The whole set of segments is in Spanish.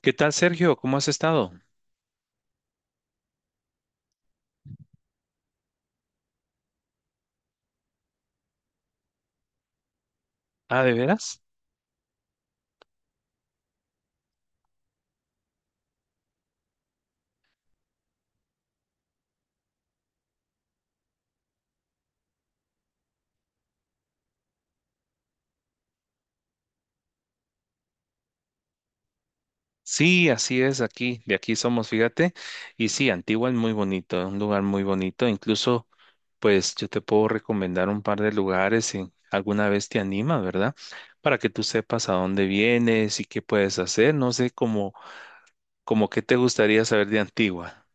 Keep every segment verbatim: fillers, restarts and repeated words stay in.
¿Qué tal, Sergio? ¿Cómo has estado? Ah, ¿de veras? Sí, así es aquí, de aquí somos, fíjate. Y sí, Antigua es muy bonito, es un lugar muy bonito. Incluso, pues yo te puedo recomendar un par de lugares si alguna vez te anima, ¿verdad? Para que tú sepas a dónde vienes y qué puedes hacer. No sé cómo, como qué te gustaría saber de Antigua.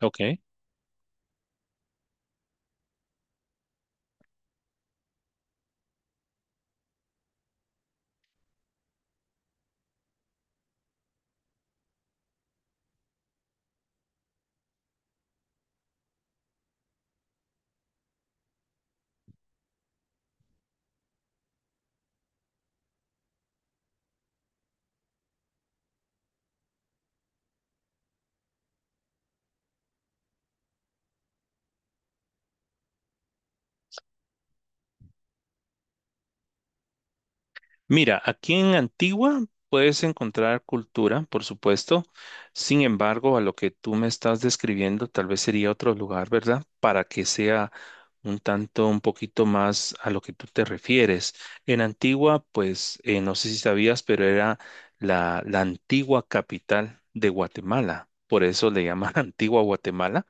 Ok. Mira, aquí en Antigua puedes encontrar cultura, por supuesto. Sin embargo, a lo que tú me estás describiendo, tal vez sería otro lugar, ¿verdad? Para que sea un tanto, un poquito más a lo que tú te refieres. En Antigua, pues, eh, no sé si sabías, pero era la, la antigua capital de Guatemala. Por eso le llaman Antigua Guatemala,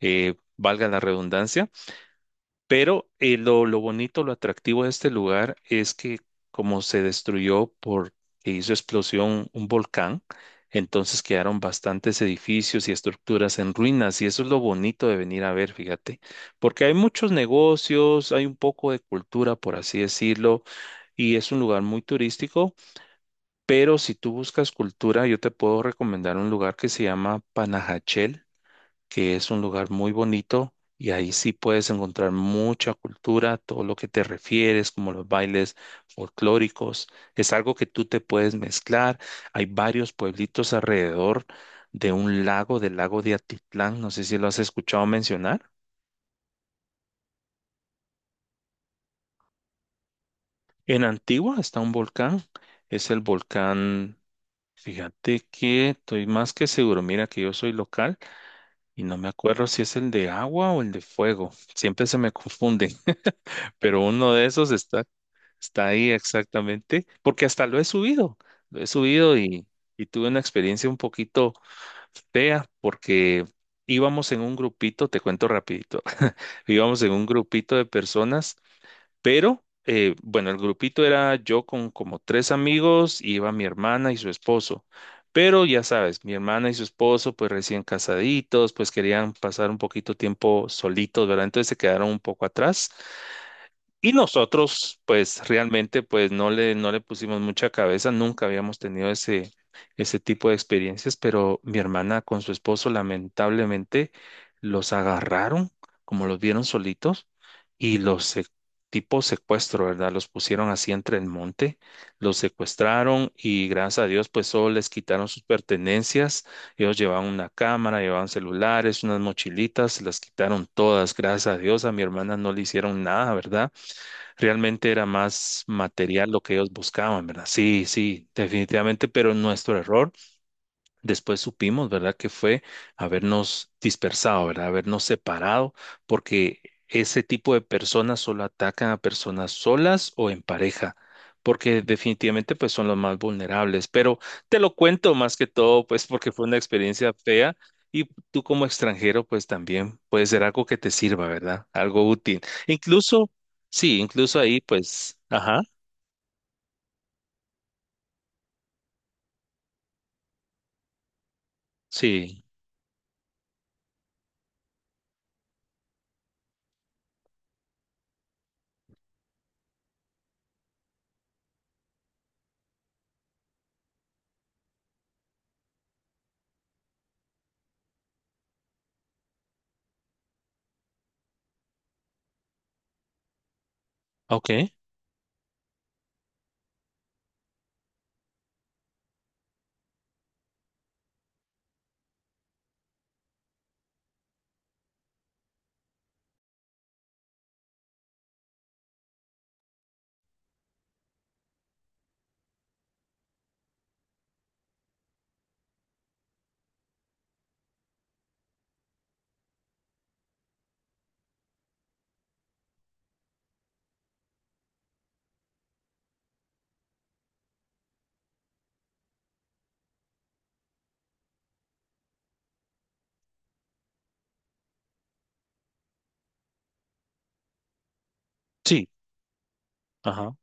eh, valga la redundancia. Pero eh, lo, lo bonito, lo atractivo de este lugar es que como se destruyó por que hizo explosión un volcán, entonces quedaron bastantes edificios y estructuras en ruinas y eso es lo bonito de venir a ver, fíjate, porque hay muchos negocios, hay un poco de cultura, por así decirlo, y es un lugar muy turístico, pero si tú buscas cultura, yo te puedo recomendar un lugar que se llama Panajachel que es un lugar muy bonito y ahí sí puedes encontrar mucha cultura, todo lo que te refieres, como los bailes folclóricos. Es algo que tú te puedes mezclar. Hay varios pueblitos alrededor de un lago, del lago de Atitlán. No sé si lo has escuchado mencionar. En Antigua está un volcán. Es el volcán. Fíjate que estoy más que seguro, mira que yo soy local y no me acuerdo si es el de agua o el de fuego, siempre se me confunden pero uno de esos está. Está ahí exactamente, porque hasta lo he subido, lo he subido y, y tuve una experiencia un poquito fea porque íbamos en un grupito, te cuento rapidito, íbamos en un grupito de personas, pero eh, bueno, el grupito era yo con como tres amigos, y iba mi hermana y su esposo, pero ya sabes, mi hermana y su esposo pues recién casaditos, pues querían pasar un poquito tiempo solitos, ¿verdad? Entonces se quedaron un poco atrás. Y nosotros, pues realmente, pues no le, no le pusimos mucha cabeza, nunca habíamos tenido ese, ese tipo de experiencias, pero mi hermana con su esposo lamentablemente los agarraron, como los vieron solitos, y los se- tipo secuestro, ¿verdad? Los pusieron así entre el monte, los secuestraron y gracias a Dios, pues solo les quitaron sus pertenencias, ellos llevaban una cámara, llevaban celulares, unas mochilitas, se las quitaron todas, gracias a Dios, a mi hermana no le hicieron nada, ¿verdad? Realmente era más material lo que ellos buscaban, ¿verdad? Sí, sí, definitivamente, pero nuestro error. Después supimos, ¿verdad?, que fue habernos dispersado, ¿verdad?, habernos separado, porque ese tipo de personas solo atacan a personas solas o en pareja, porque definitivamente pues son los más vulnerables. Pero te lo cuento más que todo, pues porque fue una experiencia fea y tú como extranjero pues también puede ser algo que te sirva, ¿verdad? Algo útil. Incluso, sí, incluso ahí pues, ajá, sí, ok, sí, ajá.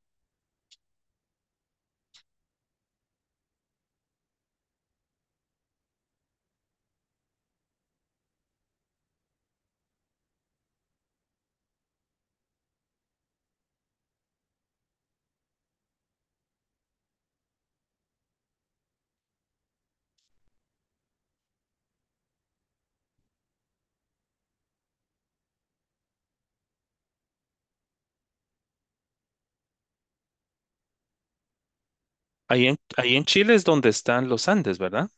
Ahí en, ahí en Chile es donde están los Andes, ¿verdad?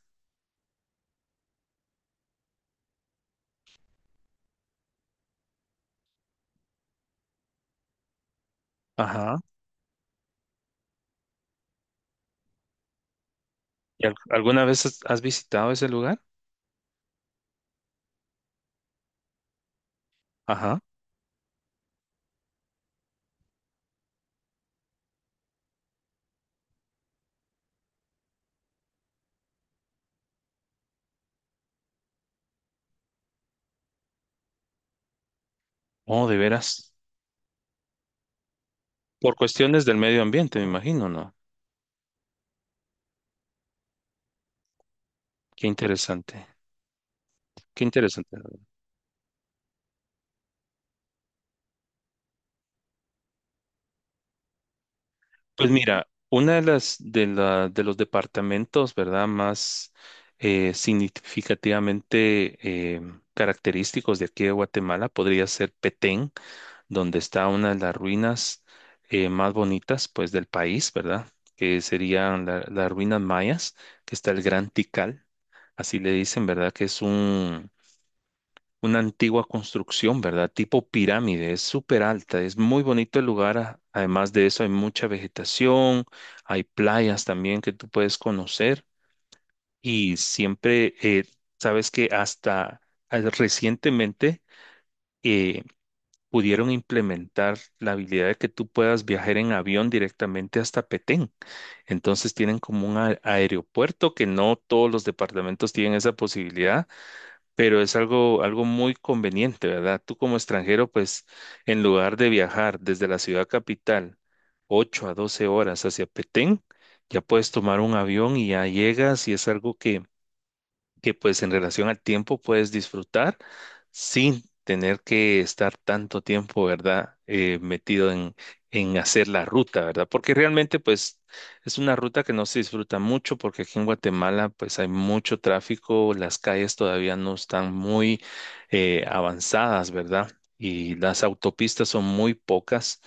Ajá. ¿Y al- alguna vez has has visitado ese lugar? Ajá. Oh, de veras. Por cuestiones del medio ambiente, me imagino, ¿no? Qué interesante. Qué interesante. Pues mira, una de las de la, de los departamentos, ¿verdad? Más eh, significativamente eh, característicos de aquí de Guatemala podría ser Petén, donde está una de las ruinas eh, más bonitas, pues, del país, ¿verdad? Que serían la- las ruinas mayas, que está el Gran Tikal, así le dicen, ¿verdad? Que es un, una antigua construcción, ¿verdad? Tipo pirámide, es súper alta, es muy bonito el lugar. a- Además de eso, hay mucha vegetación, hay playas también que tú puedes conocer y siempre, eh, sabes que hasta eh, recientemente, eh, pudieron implementar la habilidad de que tú puedas viajar en avión directamente hasta Petén. Entonces tienen como un a- aeropuerto que no todos los departamentos tienen esa posibilidad, pero es algo, algo muy conveniente, ¿verdad? Tú como extranjero, pues en lugar de viajar desde la ciudad capital ocho a doce horas hacia Petén, ya puedes tomar un avión y ya llegas y es algo que que pues en relación al tiempo puedes disfrutar sin tener que estar tanto tiempo, ¿verdad? Eh, metido en, en hacer la ruta, ¿verdad? Porque realmente pues es una ruta que no se disfruta mucho porque aquí en Guatemala pues hay mucho tráfico, las calles todavía no están muy eh, avanzadas, ¿verdad? Y las autopistas son muy pocas,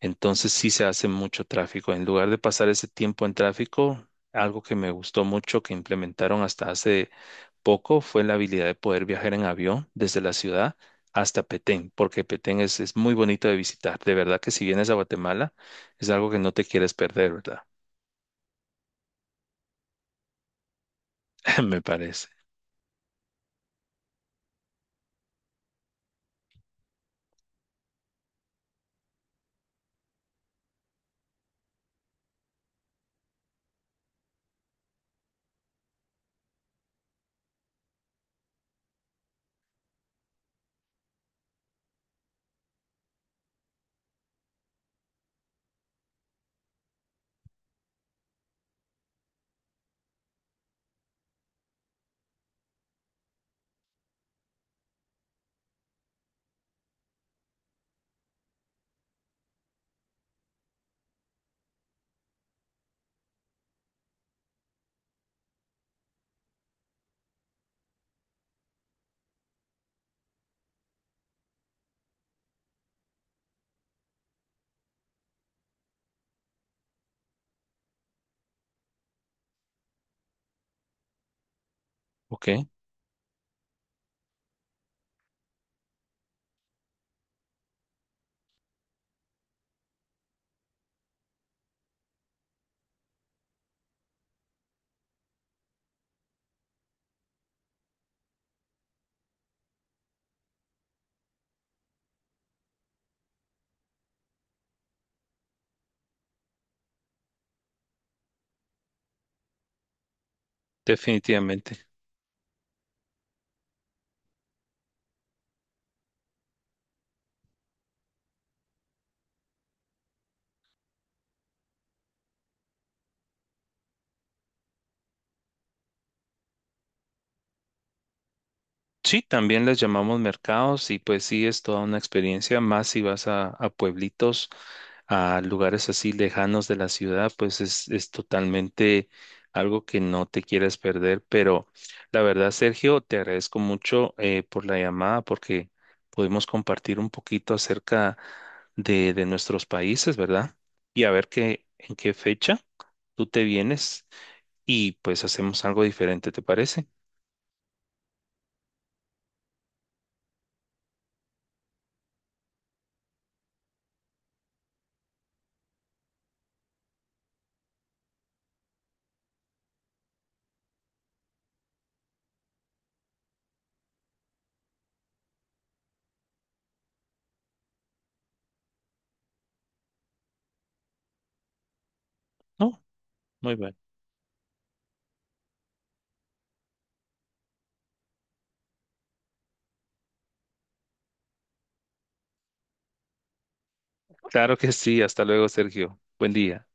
entonces sí se hace mucho tráfico. En lugar de pasar ese tiempo en tráfico, algo que me gustó mucho que implementaron hasta hace poco fue la habilidad de poder viajar en avión desde la ciudad hasta Petén, porque Petén es, es muy bonito de visitar. De verdad que si vienes a Guatemala, es algo que no te quieres perder, ¿verdad? Me parece. Ok, definitivamente. Sí, también les llamamos mercados y pues sí, es toda una experiencia más si vas a, a pueblitos, a lugares así lejanos de la ciudad, pues es, es totalmente algo que no te quieres perder. Pero la verdad, Sergio, te agradezco mucho eh, por la llamada porque pudimos compartir un poquito acerca de, de nuestros países, ¿verdad? Y a ver qué, en qué fecha tú te vienes y pues hacemos algo diferente, ¿te parece? No, muy bien. Claro que sí. Hasta luego, Sergio. Buen día.